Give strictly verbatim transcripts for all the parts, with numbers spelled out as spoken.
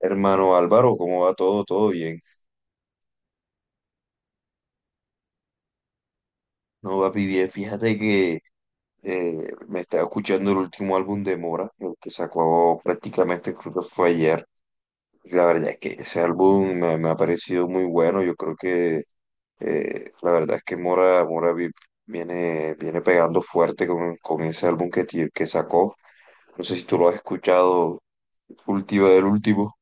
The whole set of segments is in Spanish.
Hermano Álvaro, ¿cómo va todo? ¿Todo bien? No, papi, bien. Fíjate que eh, me estaba escuchando el último álbum de Mora, el que sacó prácticamente, creo que fue ayer. Y la verdad es que ese álbum me, me ha parecido muy bueno. Yo creo que eh, la verdad es que Mora, Mora vi- viene, viene pegando fuerte con, con ese álbum que, tie- que sacó. No sé si tú lo has escuchado, último del último.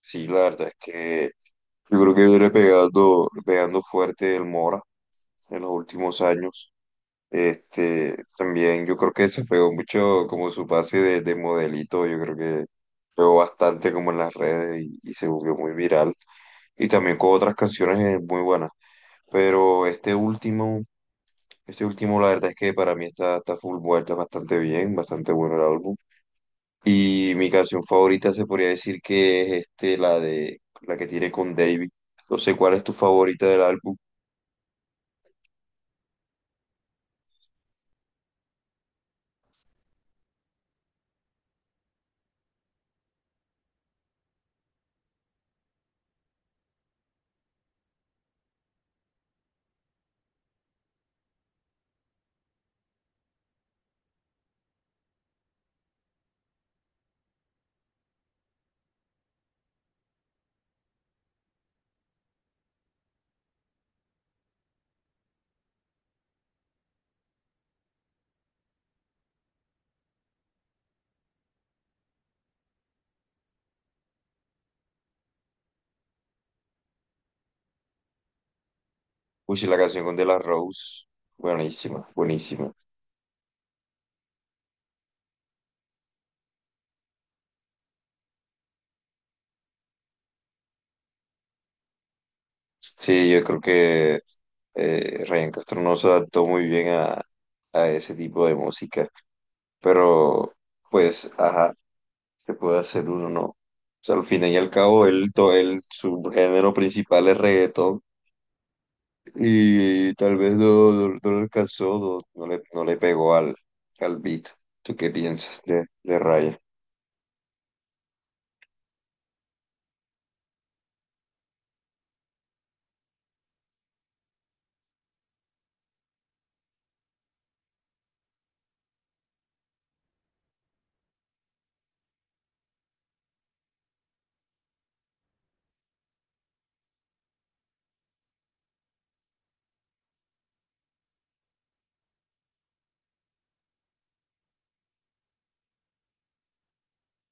Sí, la verdad es que yo creo que viene pegando, pegando fuerte el Mora en los últimos años. Este, también yo creo que se pegó mucho como su pase de, de modelito, yo creo que pegó bastante como en las redes y, y se volvió muy viral. Y también con otras canciones eh, muy buenas. Pero este último, este último la verdad es que para mí está, está full vuelta, bastante bien, bastante bueno el álbum. Y mi canción favorita se podría decir que es este, la de la que tiene con David. No sé cuál es tu favorita del álbum. Uy, sí, la canción con De La Rose. Buenísima, buenísima. Sí, yo creo que eh, Ryan Castro no se adaptó muy bien a, a ese tipo de música. Pero, pues, ajá, se puede hacer uno, ¿no? O sea, al fin y al cabo, él, to- él, su género principal es reggaetón. Y tal vez no, no, no le alcanzó, no, no le, no le pegó al, al beat. ¿Tú qué piensas de, de Raya?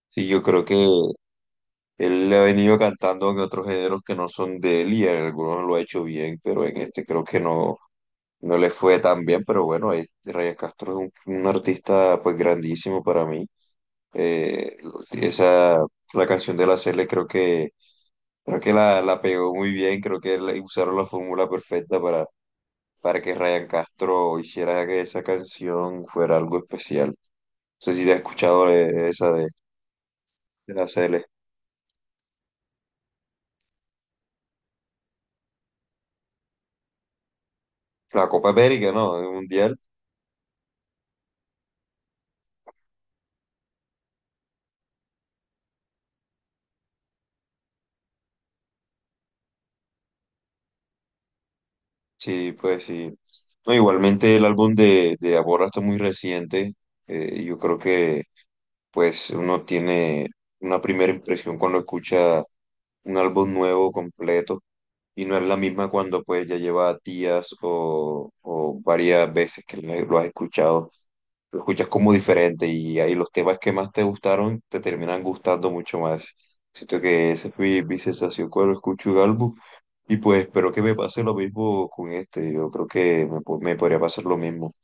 Sí, yo creo que él le ha venido cantando en otros géneros que no son de él y en algunos lo ha hecho bien, pero en este creo que no, no le fue tan bien. Pero bueno, eh, Ryan Castro es un, un artista pues grandísimo para mí. Eh, esa, la canción de la Cele creo que, creo que la, la pegó muy bien, creo que le- usaron la fórmula perfecta para, para que Ryan Castro hiciera que esa canción fuera algo especial. No sé si te has escuchado eh, esa de, de la Cele. La Copa América, ¿no? El Mundial. Sí, pues sí. No, igualmente el álbum de, de Aborra está muy reciente. Eh, yo creo que pues uno tiene una primera impresión cuando escucha un álbum nuevo, completo, y no es la misma cuando pues ya lleva días o, o varias veces que lo lo has escuchado. Lo escuchas como diferente y ahí los temas que más te gustaron te terminan gustando mucho más. Siento que esa fue mi sensación cuando escucho un álbum. Y pues espero que me pase lo mismo con este. Yo creo que me, po- me podría pasar lo mismo.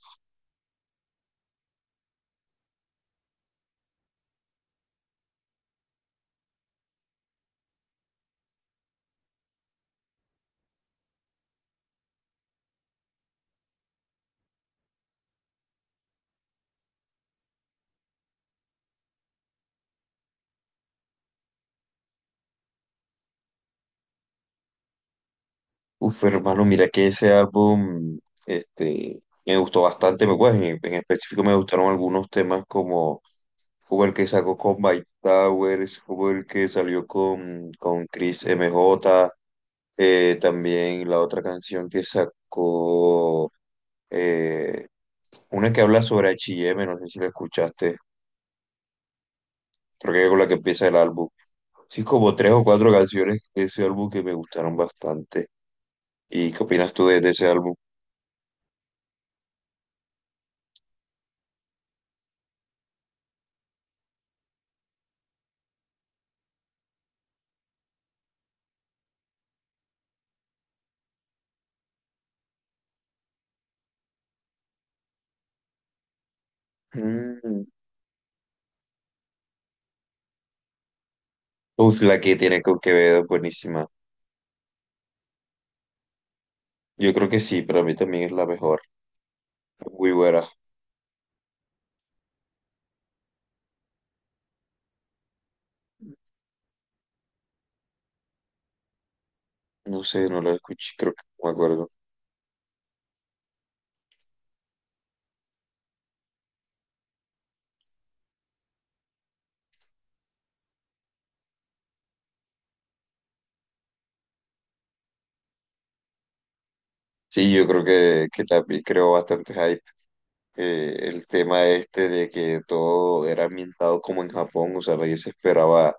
Uf, hermano, mira que ese álbum, este, me gustó bastante. Me- pues, en, en específico me gustaron algunos temas como, como el que sacó con Mike Towers, como el que salió con, con Chris M J, eh, también la otra canción que sacó, eh, una que habla sobre H y M, no sé si la escuchaste. Creo que con la que empieza el álbum. Sí, como tres o cuatro canciones de ese álbum que me gustaron bastante. ¿Y qué opinas tú de, de ese álbum? Mm. Uf, la que tiene con Quevedo, buenísima. Yo creo que sí, para mí también es la mejor. Muy buena. No sé, no la escuché, creo que no me acuerdo. Sí, yo creo que, que también creó bastante hype. Eh, el tema este de que todo era ambientado como en Japón, o sea, nadie se esperaba,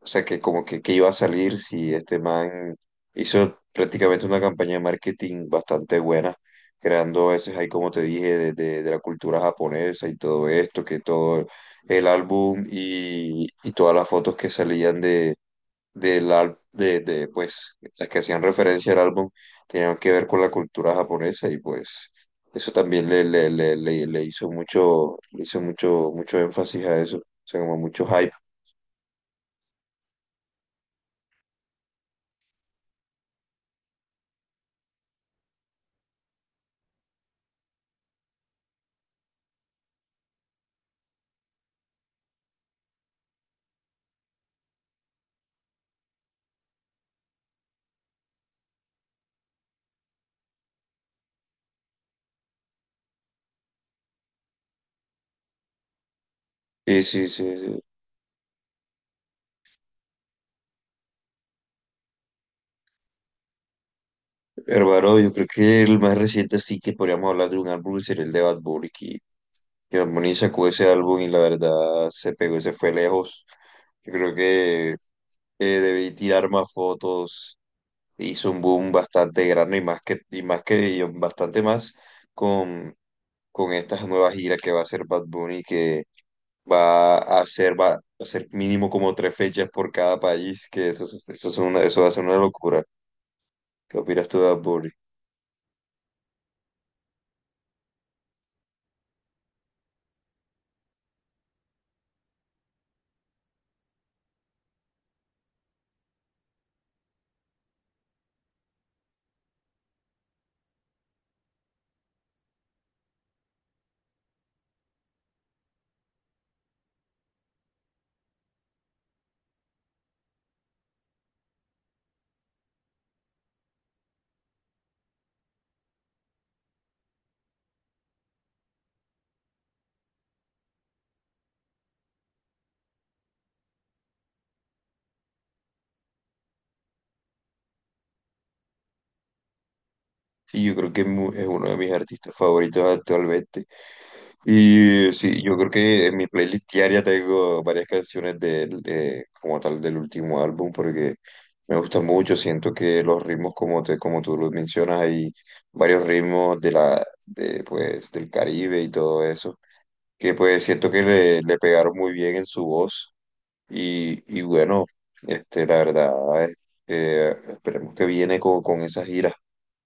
o sea, que como que, que iba a salir si este man hizo prácticamente una campaña de marketing bastante buena, creando ese hype como te dije, de, de- de la cultura japonesa y todo esto, que todo el álbum y, y todas las fotos que salían de, del al- de, de, pues, las que hacían referencia al álbum tenían que ver con la cultura japonesa y pues eso también le, le, le, le, le hizo mucho, le hizo mucho, mucho énfasis a eso, o sea, como mucho hype. Sí, sí, sí, sí. Hermano, yo creo que el más reciente sí que podríamos hablar de un álbum sería el de Bad Bunny, que, que Bad Bunny sacó ese álbum y la verdad se pegó, y se fue lejos. Yo creo que eh, debí tirar más fotos, hizo un boom bastante grande y más que, y más que, y bastante más con con estas nuevas giras que va a hacer Bad Bunny, que va a hacer, va a hacer mínimo como tres fechas por cada país, que eso, es- eso, es una, eso va a ser una locura. ¿Qué opinas tú de Bad Bunny? Sí, yo creo que es mu- es uno de mis artistas favoritos actualmente. Y sí, yo creo que en mi playlist diaria tengo varias canciones de él, eh, como tal del último álbum, porque me gusta mucho. Siento que los ritmos, como te, como tú los mencionas, hay varios ritmos de la, de, pues, del Caribe y todo eso, que pues siento que le, le pegaron muy bien en su voz. Y, y bueno, este, la verdad, eh, eh, esperemos que viene con, con esa gira.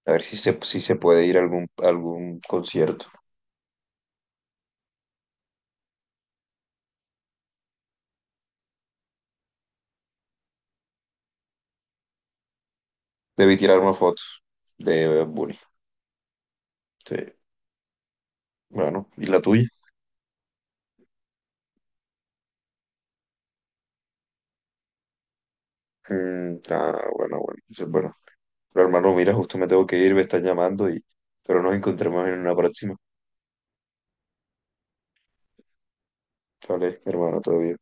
A ver si se, si se puede ir a algún, a algún concierto. Debí tirar una foto de Bad Bunny. Sí. Bueno, ¿y la tuya? Mm, ah, bueno, bueno. Dice, bueno. Pero hermano, mira, justo me tengo que ir, me están llamando y... Pero nos encontremos en una próxima. Vale, hermano, todo bien.